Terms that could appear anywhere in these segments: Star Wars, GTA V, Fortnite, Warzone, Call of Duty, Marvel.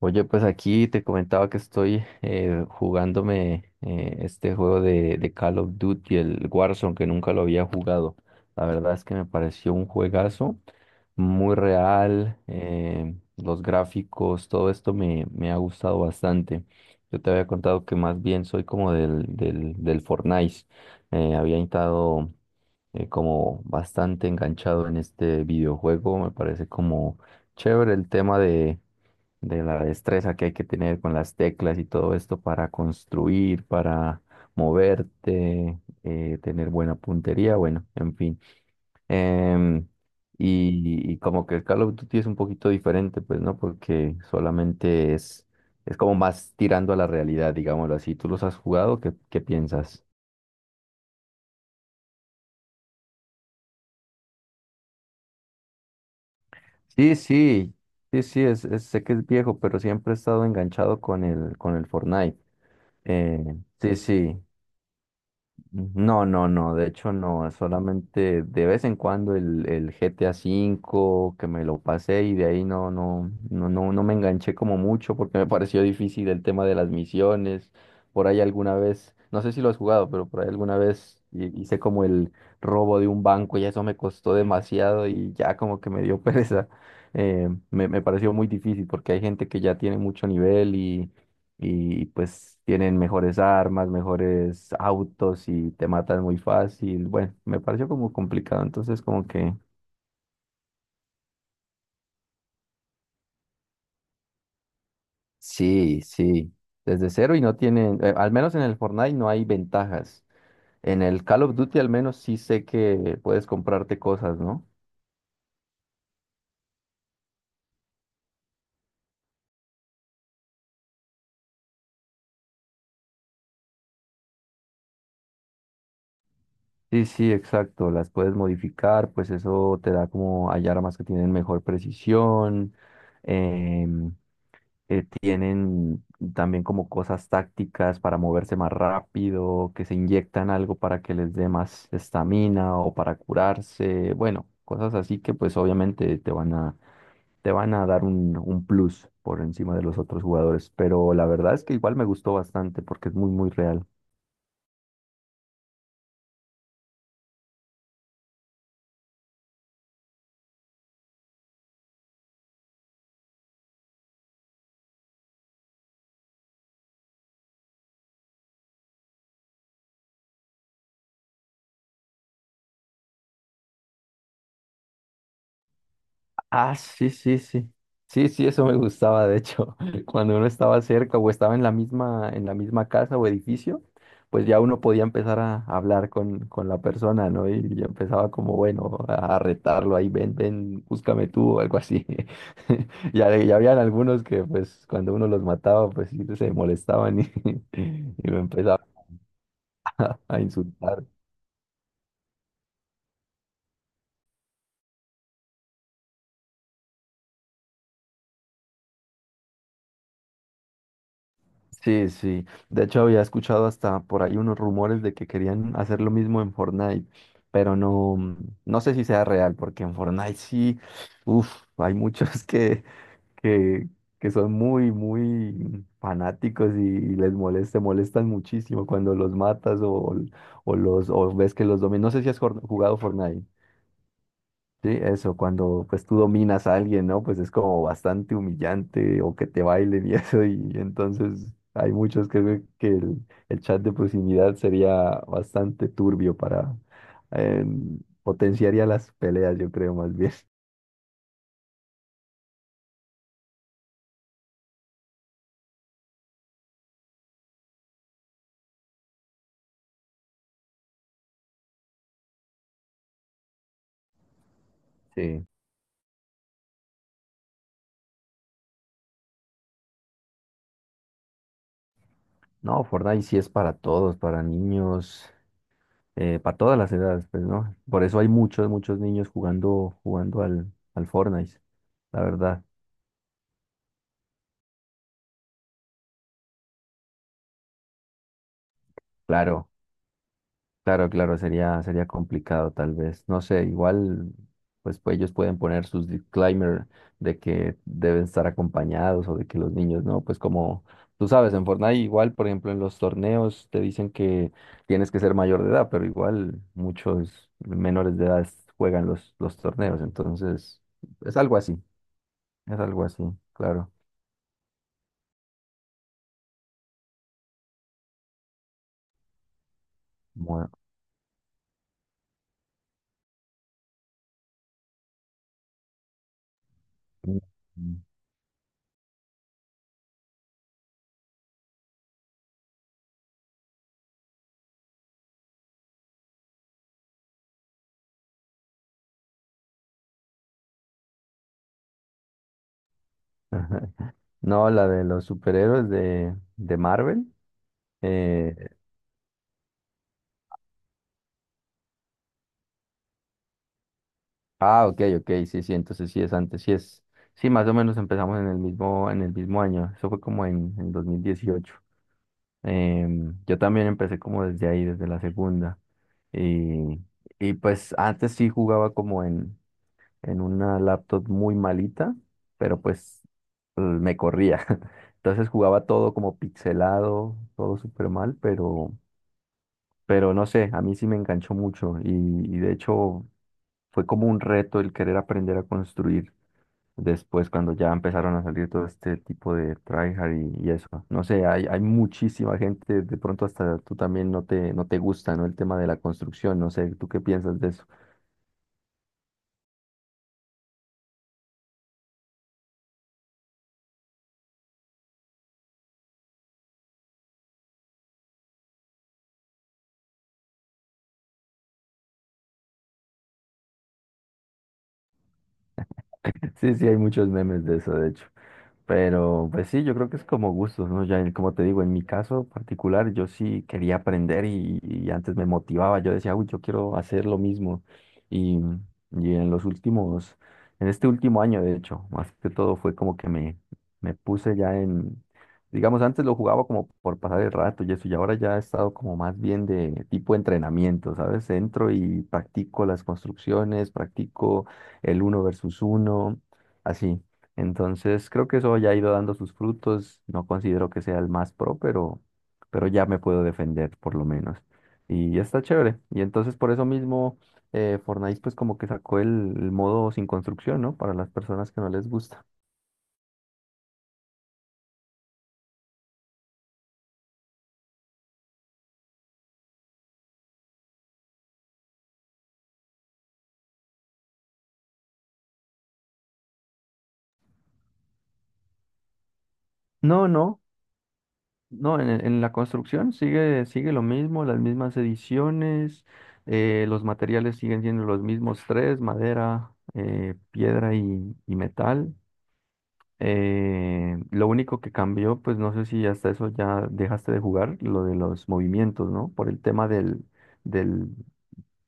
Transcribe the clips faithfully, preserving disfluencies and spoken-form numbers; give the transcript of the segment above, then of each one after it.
Oye, pues aquí te comentaba que estoy eh, jugándome eh, este juego de, de Call of Duty, el Warzone, que nunca lo había jugado. La verdad es que me pareció un juegazo, muy real, eh, los gráficos, todo esto me, me ha gustado bastante. Yo te había contado que más bien soy como del, del, del Fortnite. Eh, había estado eh, como bastante enganchado en este videojuego. Me parece como chévere el tema de la destreza que hay que tener con las teclas y todo esto para construir, para moverte, eh, tener buena puntería, bueno, en fin. Em, y, y como que el Call of Duty es un poquito diferente, pues, ¿no? Porque solamente es, es como más tirando a la realidad, digámoslo así. ¿Tú los has jugado? ¿Qué, qué piensas? Sí, sí, sí, sí, es, es- sé que es viejo, pero siempre he estado enganchado con el, con el Fortnite. Eh, sí, sí. No, no, no, de hecho no, solamente de vez en cuando el, el G T A cinco que me lo pasé y de ahí no, no, no, no, no me enganché como mucho porque me pareció difícil el tema de las misiones. Por ahí alguna vez, no sé si lo has jugado, pero por ahí alguna vez hi- hice como el robo de un banco y eso me costó demasiado y ya como que me dio pereza. Eh, me, me pareció muy difícil porque hay gente que ya tiene mucho nivel y pues tienen mejores armas, mejores autos y te matan muy fácil. Bueno, me pareció como complicado, entonces como que sí, sí, desde cero y no tienen, eh, al menos en el Fortnite no hay ventajas. En el Call of Duty al menos sí sé que puedes comprarte cosas, ¿no? Sí, sí, exacto, las puedes modificar, pues eso te da como hay armas que tienen mejor precisión. em, eh, tienen también como cosas tácticas para moverse más rápido, que se inyectan algo para que les dé más estamina o para curarse, bueno, cosas así que pues obviamente te van a, te van a dar un, un plus por encima de los otros jugadores, pero la verdad es que igual me gustó bastante porque es muy, muy real. Ah, sí, sí, sí. Sí, sí, eso me gustaba, de hecho, cuando uno estaba cerca o estaba en la misma, en la misma, casa o edificio, pues ya uno podía empezar a hablar con, con la persona, ¿no? Y ya empezaba como, bueno, a retarlo ahí, ven, ven, búscame tú o algo así. Ya, ya habían algunos que, pues, cuando uno los mataba, pues sí se molestaban y, y lo empezaba a insultar. Sí, sí. De hecho, había escuchado hasta por ahí unos rumores de que querían hacer lo mismo en Fortnite, pero no, no sé si sea real, porque en Fortnite sí, uff, hay muchos que, que, que son muy, muy fanáticos y les molesta, molestan muchísimo cuando los matas o, o los o ves que los dominan. No sé si has jor- jugado Fortnite. Sí, eso, cuando pues tú dominas a alguien, ¿no? Pues es como bastante humillante o que te bailen y eso, y entonces hay muchos que creen que el, el chat de proximidad sería bastante turbio para eh, potenciaría las peleas, yo creo más bien. Sí. No, Fortnite sí es para todos, para niños, eh, para todas las edades, pues, ¿no? Por eso hay muchos, muchos niños jugando, jugando al, al Fortnite, la verdad. Claro, claro, claro, sería, sería complicado tal vez. No sé, igual pues, pues ellos pueden poner sus disclaimer de que deben estar acompañados o de que los niños no, pues como tú sabes, en Fortnite igual, por ejemplo, en los torneos te dicen que tienes que ser mayor de edad, pero igual muchos menores de edad juegan los, los torneos, entonces es algo así, es algo así, claro. Bueno. No, la de los superhéroes de, de Marvel. Eh, Ah, ok, ok, sí, sí, entonces sí es antes, sí es, sí, más o menos empezamos en el mismo, en el mismo, año, eso fue como en, en dos mil dieciocho. Em, yo también empecé como desde ahí, desde la segunda. Y, y pues antes sí jugaba como en, en una laptop muy malita, pero pues eh, me corría. Entonces jugaba todo como pixelado, todo súper mal, pero, pero no sé, a mí sí me enganchó mucho y, y de hecho fue como un reto el querer aprender a construir. Después, cuando ya empezaron a salir todo este tipo de tryhard y, y eso. No sé, hay, hay muchísima gente, de pronto hasta tú también no te, no te gusta, ¿no? El tema de la construcción, no sé, ¿tú qué piensas de eso? Sí, sí, hay muchos memes de eso, de hecho. Pero pues sí, yo creo que es como gustos, ¿no? Ya en- como te digo, en mi caso particular, yo sí quería aprender y, y antes me motivaba, yo decía, uy, yo quiero hacer lo mismo. Y, y en los últimos, en este último año, de hecho, más que todo fue como que me, me puse ya en, digamos, antes lo jugaba como por pasar el rato y eso, y ahora ya he estado como más bien de tipo entrenamiento, ¿sabes? Entro y practico las construcciones, practico el uno versus uno, así. Entonces, creo que eso ya ha ido dando sus frutos. No considero que sea el más pro, pero, pero ya me puedo defender por lo menos. Y ya está chévere. Y entonces por eso mismo eh, Fortnite pues como que sacó el, el, modo sin construcción, ¿no? Para las personas que no les gusta. No, no, no, en, en la construcción sigue, sigue lo mismo, las mismas ediciones, eh, los materiales siguen siendo los mismos tres, madera, eh, piedra y, y metal. Eh, lo único que cambió, pues no sé si hasta eso ya dejaste de jugar, lo de los movimientos, ¿no? Por el tema del, del,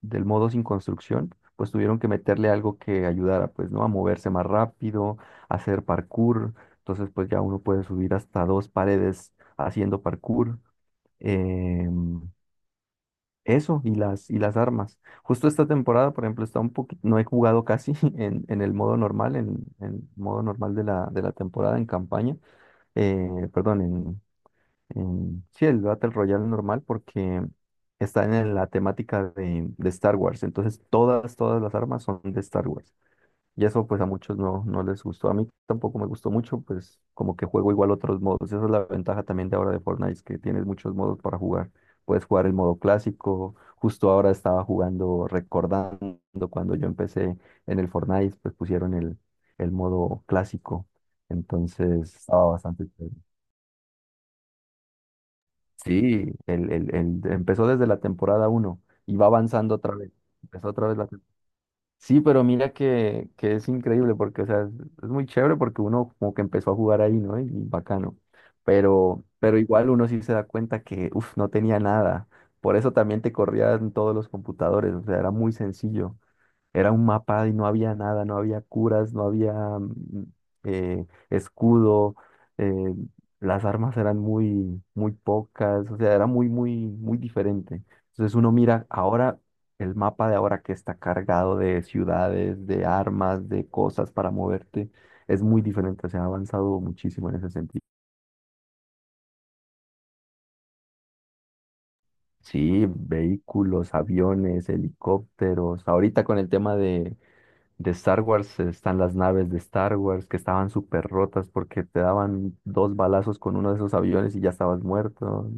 del modo sin construcción, pues tuvieron que meterle algo que ayudara, pues, ¿no? A moverse más rápido, a hacer parkour. Entonces, pues ya uno puede subir hasta dos paredes haciendo parkour. Em, eso y las, y las armas. Justo esta temporada, por ejemplo, está un poquito, no he jugado casi en, en el modo normal, en, en modo normal de la, de la temporada en campaña eh, perdón, en, en- sí, el Battle Royale normal porque está en la temática de, de Star Wars. Entonces todas, todas las armas son de Star Wars. Y eso pues a muchos no, no les gustó. A mí tampoco me gustó mucho, pues como que juego igual otros modos. Esa es la ventaja también de ahora de Fortnite, es que tienes muchos modos para jugar. Puedes jugar el modo clásico. Justo ahora estaba jugando, recordando cuando yo empecé en el Fortnite, pues pusieron el, el modo clásico. Entonces estaba bastante chévere. Sí, el, el- el- empezó desde la temporada uno y va avanzando otra vez. Empezó otra vez la tem- sí, pero mira que, que es increíble porque, o sea, es, es muy chévere porque uno como que empezó a jugar ahí, ¿no? Y bacano. Pero, pero igual uno sí se da cuenta que, uff, no tenía nada. Por eso también te corrían todos los computadores, o sea, era muy sencillo. Era un mapa y no había nada, no había curas, no había mm, eh, escudo, eh, las armas eran muy, muy pocas, o sea, era muy, muy, muy diferente. Entonces uno mira ahora el mapa de ahora que está cargado de ciudades, de armas, de cosas para moverte, es muy diferente, se ha avanzado muchísimo en ese sentido. Sí, vehículos, aviones, helicópteros, ahorita con el tema de de Star Wars eh, están las naves de Star Wars que estaban súper rotas porque te daban dos balazos con uno de esos aviones y ya estabas muerto.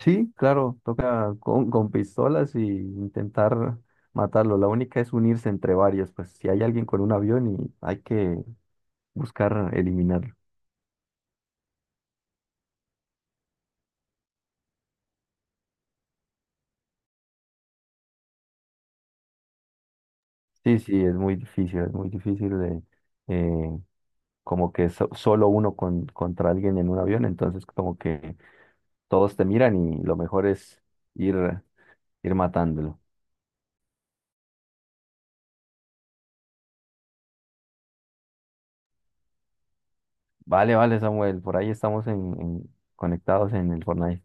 Sí, claro, toca con, con, pistolas y intentar matarlo. La única es unirse entre varios, pues si hay alguien con un avión y hay que buscar eliminarlo. Sí, sí, es muy difícil, es muy difícil de eh, como que so- solo uno con, contra alguien en un avión, entonces como que todos te miran y lo mejor es ir, ir, matándolo. Vale, vale, Samuel, por ahí estamos en, en- conectados en el Fortnite.